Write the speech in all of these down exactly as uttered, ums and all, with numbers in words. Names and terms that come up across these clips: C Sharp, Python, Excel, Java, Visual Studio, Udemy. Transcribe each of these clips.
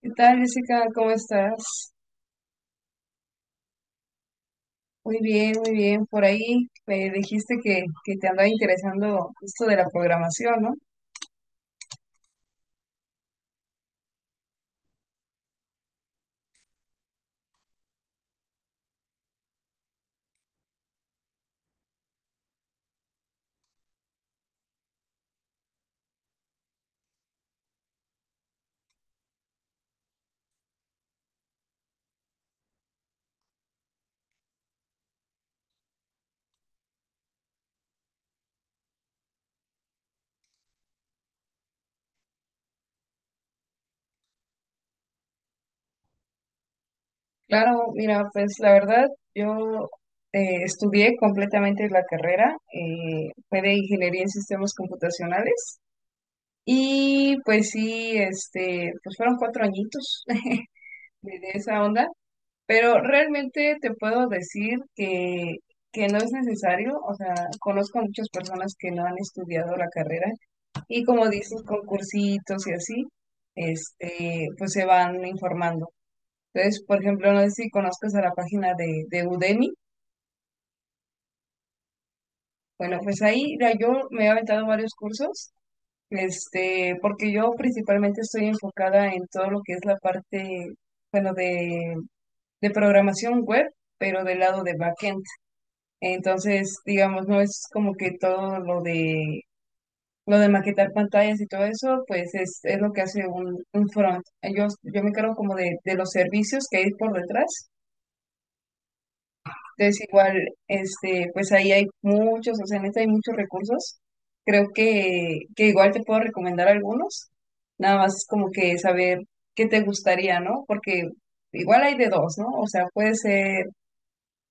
¿Qué tal, Jessica? ¿Cómo estás? Muy bien, muy bien. Por ahí me dijiste que, que te andaba interesando esto de la programación, ¿no? Claro, mira, pues la verdad, yo eh, estudié completamente la carrera, eh, fue de ingeniería en sistemas computacionales y pues sí, este, pues fueron cuatro añitos de de esa onda, pero realmente te puedo decir que, que no es necesario, o sea, conozco a muchas personas que no han estudiado la carrera. Y como dices, con cursitos y así, este, pues se van informando. Entonces, por ejemplo, no sé si conozcas a la página de, de Udemy. Bueno, pues ahí ya yo me he aventado varios cursos, este, porque yo principalmente estoy enfocada en todo lo que es la parte, bueno, de, de programación web, pero del lado de backend. Entonces, digamos, no es como que todo lo de lo de maquetar pantallas y todo eso, pues es, es lo que hace un, un front. Yo, yo me encargo como de, de los servicios que hay por detrás. Entonces igual, este, pues ahí hay muchos, o sea, en este hay muchos recursos. Creo que, que igual te puedo recomendar algunos. Nada más es como que saber qué te gustaría, ¿no? Porque igual hay de dos, ¿no? O sea, puede ser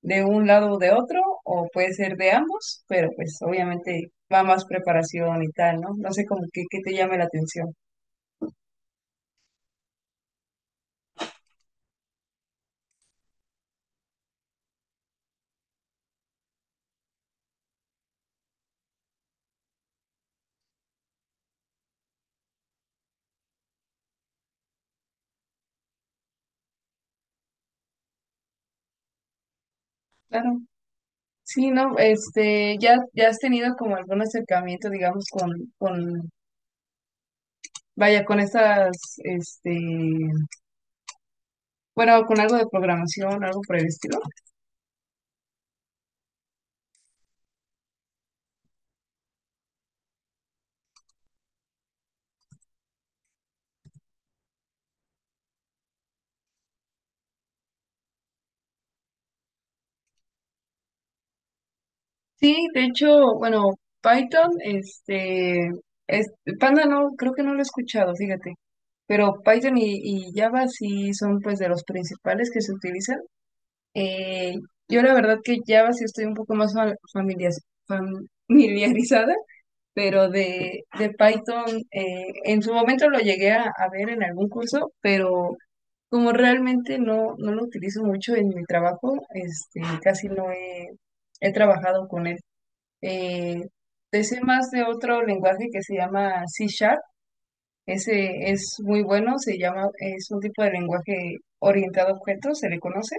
de un lado o de otro, o puede ser de ambos, pero pues obviamente va más preparación y tal, ¿no? No sé como que, qué te llame la atención. Claro, sí, no, este, ya, ya has tenido como algún acercamiento, digamos, con, con, vaya, con estas, este, bueno, con algo de programación, algo por el estilo. Sí, de hecho, bueno, Python, este, es- Panda no, creo que no lo he escuchado, fíjate, pero Python y, y Java sí son pues de los principales que se utilizan. Eh, yo la verdad que Java sí estoy un poco más fa- familias- familiarizada, pero de, de Python eh, en su momento lo llegué a, a ver en algún curso, pero como realmente no, no lo utilizo mucho en mi trabajo, este, casi no he, he trabajado con él. Eh, te sé más de otro lenguaje que se llama C Sharp. Ese es muy bueno, se llama, es un tipo de lenguaje orientado a objetos, se le conoce.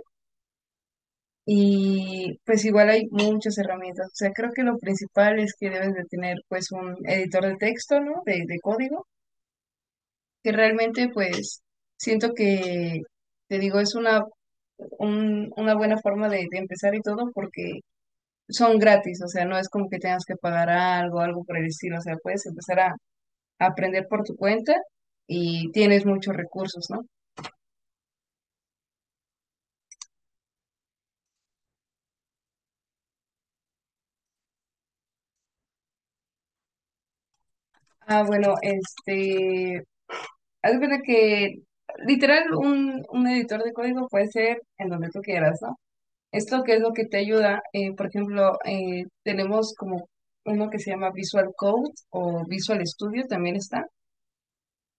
Y pues igual hay muchas herramientas. O sea, creo que lo principal es que debes de tener pues un editor de texto, ¿no? De, de código que realmente pues siento que, te digo, es una, un- una buena forma de, de empezar y todo porque son gratis, o sea, no es como que tengas que pagar algo, algo por el estilo, o sea, puedes empezar a, a aprender por tu cuenta y tienes muchos recursos, ¿no? Ah, bueno, este, haz de cuenta que literal un, un editor de código puede ser en donde tú quieras, ¿no? Esto que es lo que te ayuda, eh, por ejemplo, eh, tenemos como uno que se llama Visual Code, o Visual Studio también está.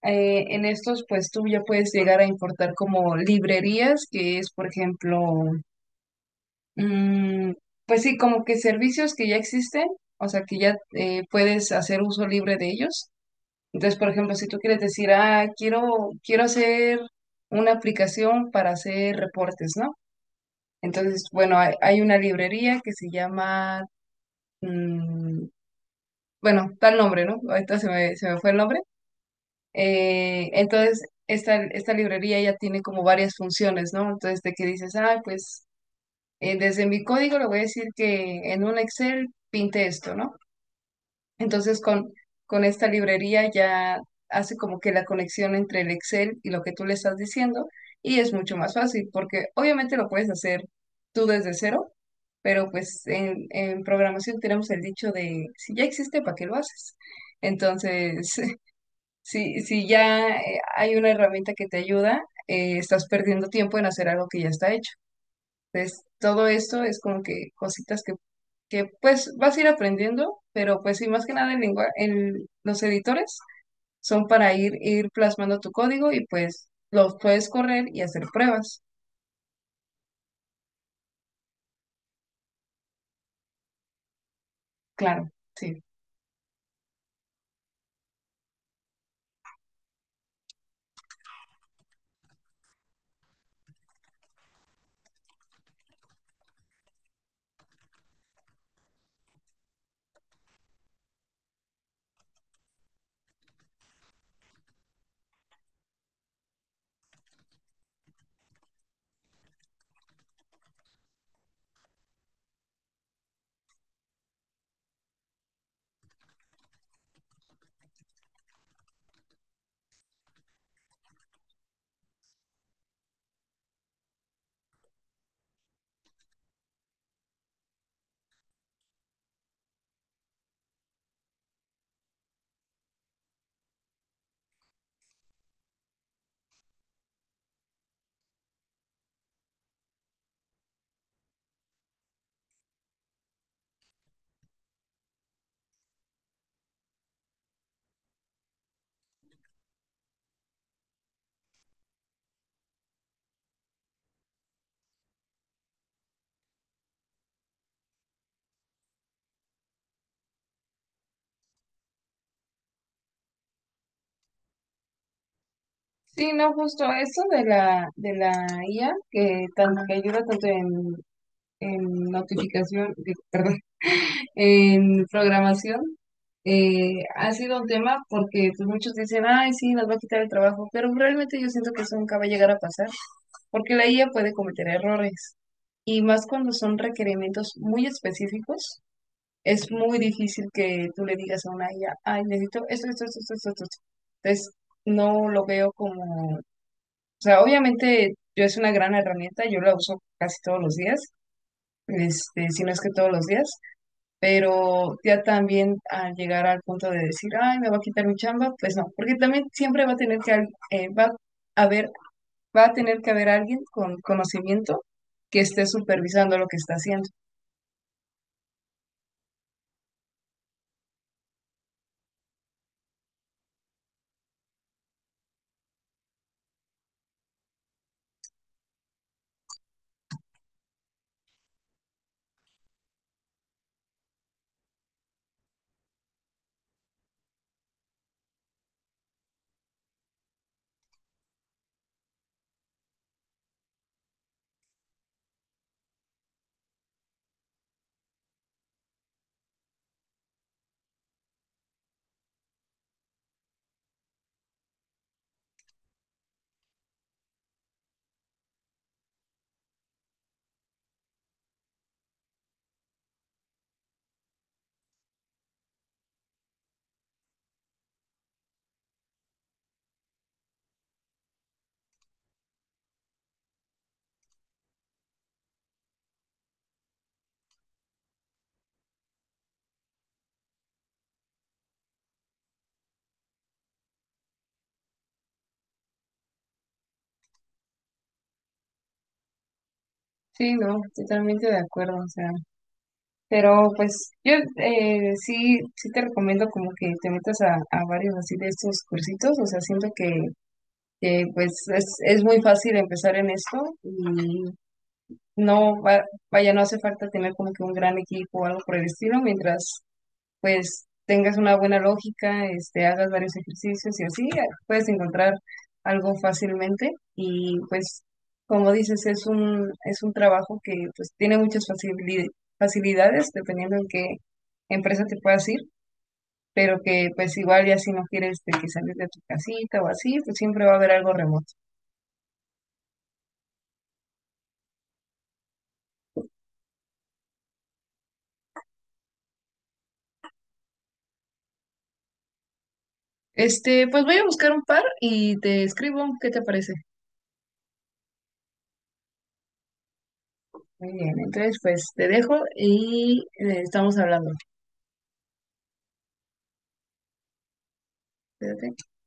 Eh, en estos, pues tú ya puedes llegar a importar como librerías, que es, por ejemplo, mm, pues sí, como que servicios que ya existen, o sea, que ya eh, puedes hacer uso libre de ellos. Entonces, por ejemplo, si tú quieres decir, ah, quiero, quiero hacer una aplicación para hacer reportes, ¿no? Entonces, bueno, hay, hay una librería que se llama mm, bueno, tal nombre, ¿no? Ahorita se me, se me fue el nombre. Eh, entonces, esta, esta librería ya tiene como varias funciones, ¿no? Entonces, de que dices, ah, pues eh, desde mi código le voy a decir que en un Excel pinte esto, ¿no? Entonces, con, con esta librería ya hace como que la conexión entre el Excel y lo que tú le estás diciendo y es mucho más fácil porque obviamente lo puedes hacer tú desde cero, pero pues en, en programación tenemos el dicho de si ya existe, ¿para qué lo haces? Entonces, si, si ya eh, hay una herramienta que te ayuda, eh, estás perdiendo tiempo en hacer algo que ya está hecho. Entonces, todo esto es como que cositas que que pues vas a ir aprendiendo, pero pues sí, más que nada el lengua- el- los editores son para ir, ir plasmando tu código y pues los puedes correr y hacer pruebas, claro, sí. Sí, no, justo eso de la, de la I A, que, tan- que ayuda tanto en en notificación, digo, perdón, en programación, eh, ha sido un tema porque pues, muchos dicen, ay, sí, nos va a quitar el trabajo, pero realmente yo siento que eso nunca va a llegar a pasar, porque la I A puede cometer errores, y más cuando son requerimientos muy específicos, es muy difícil que tú le digas a una I A, ay, necesito esto, esto, esto, esto, esto. Esto". Entonces, no lo veo como, o sea, obviamente yo es una gran herramienta, yo la uso casi todos los días, este, si no es que todos los días, pero ya también al llegar al punto de decir, ay, me va a quitar mi chamba, pues no, porque también siempre va a tener que, al- eh, va a haber, va a tener que haber alguien con conocimiento que esté supervisando lo que está haciendo. Sí, no, totalmente de acuerdo, o sea, pero pues yo eh, sí, sí te recomiendo como que te metas a, a varios así de estos cursitos, o sea, siento que, que, pues es, es muy fácil empezar en esto y no, va- vaya, no hace falta tener como que un gran equipo o algo por el estilo, mientras pues tengas una buena lógica, este, hagas varios ejercicios y así eh, puedes encontrar algo fácilmente y pues como dices, es un es un trabajo que pues tiene muchas facilidades, facilidades dependiendo en qué empresa te puedas ir, pero que pues igual ya si no quieres de que salir de tu casita o así, pues siempre va a haber algo remoto. Este, pues voy a buscar un par y te escribo, ¿qué te parece? Muy bien, entonces pues te dejo y eh, estamos hablando. Cuídate.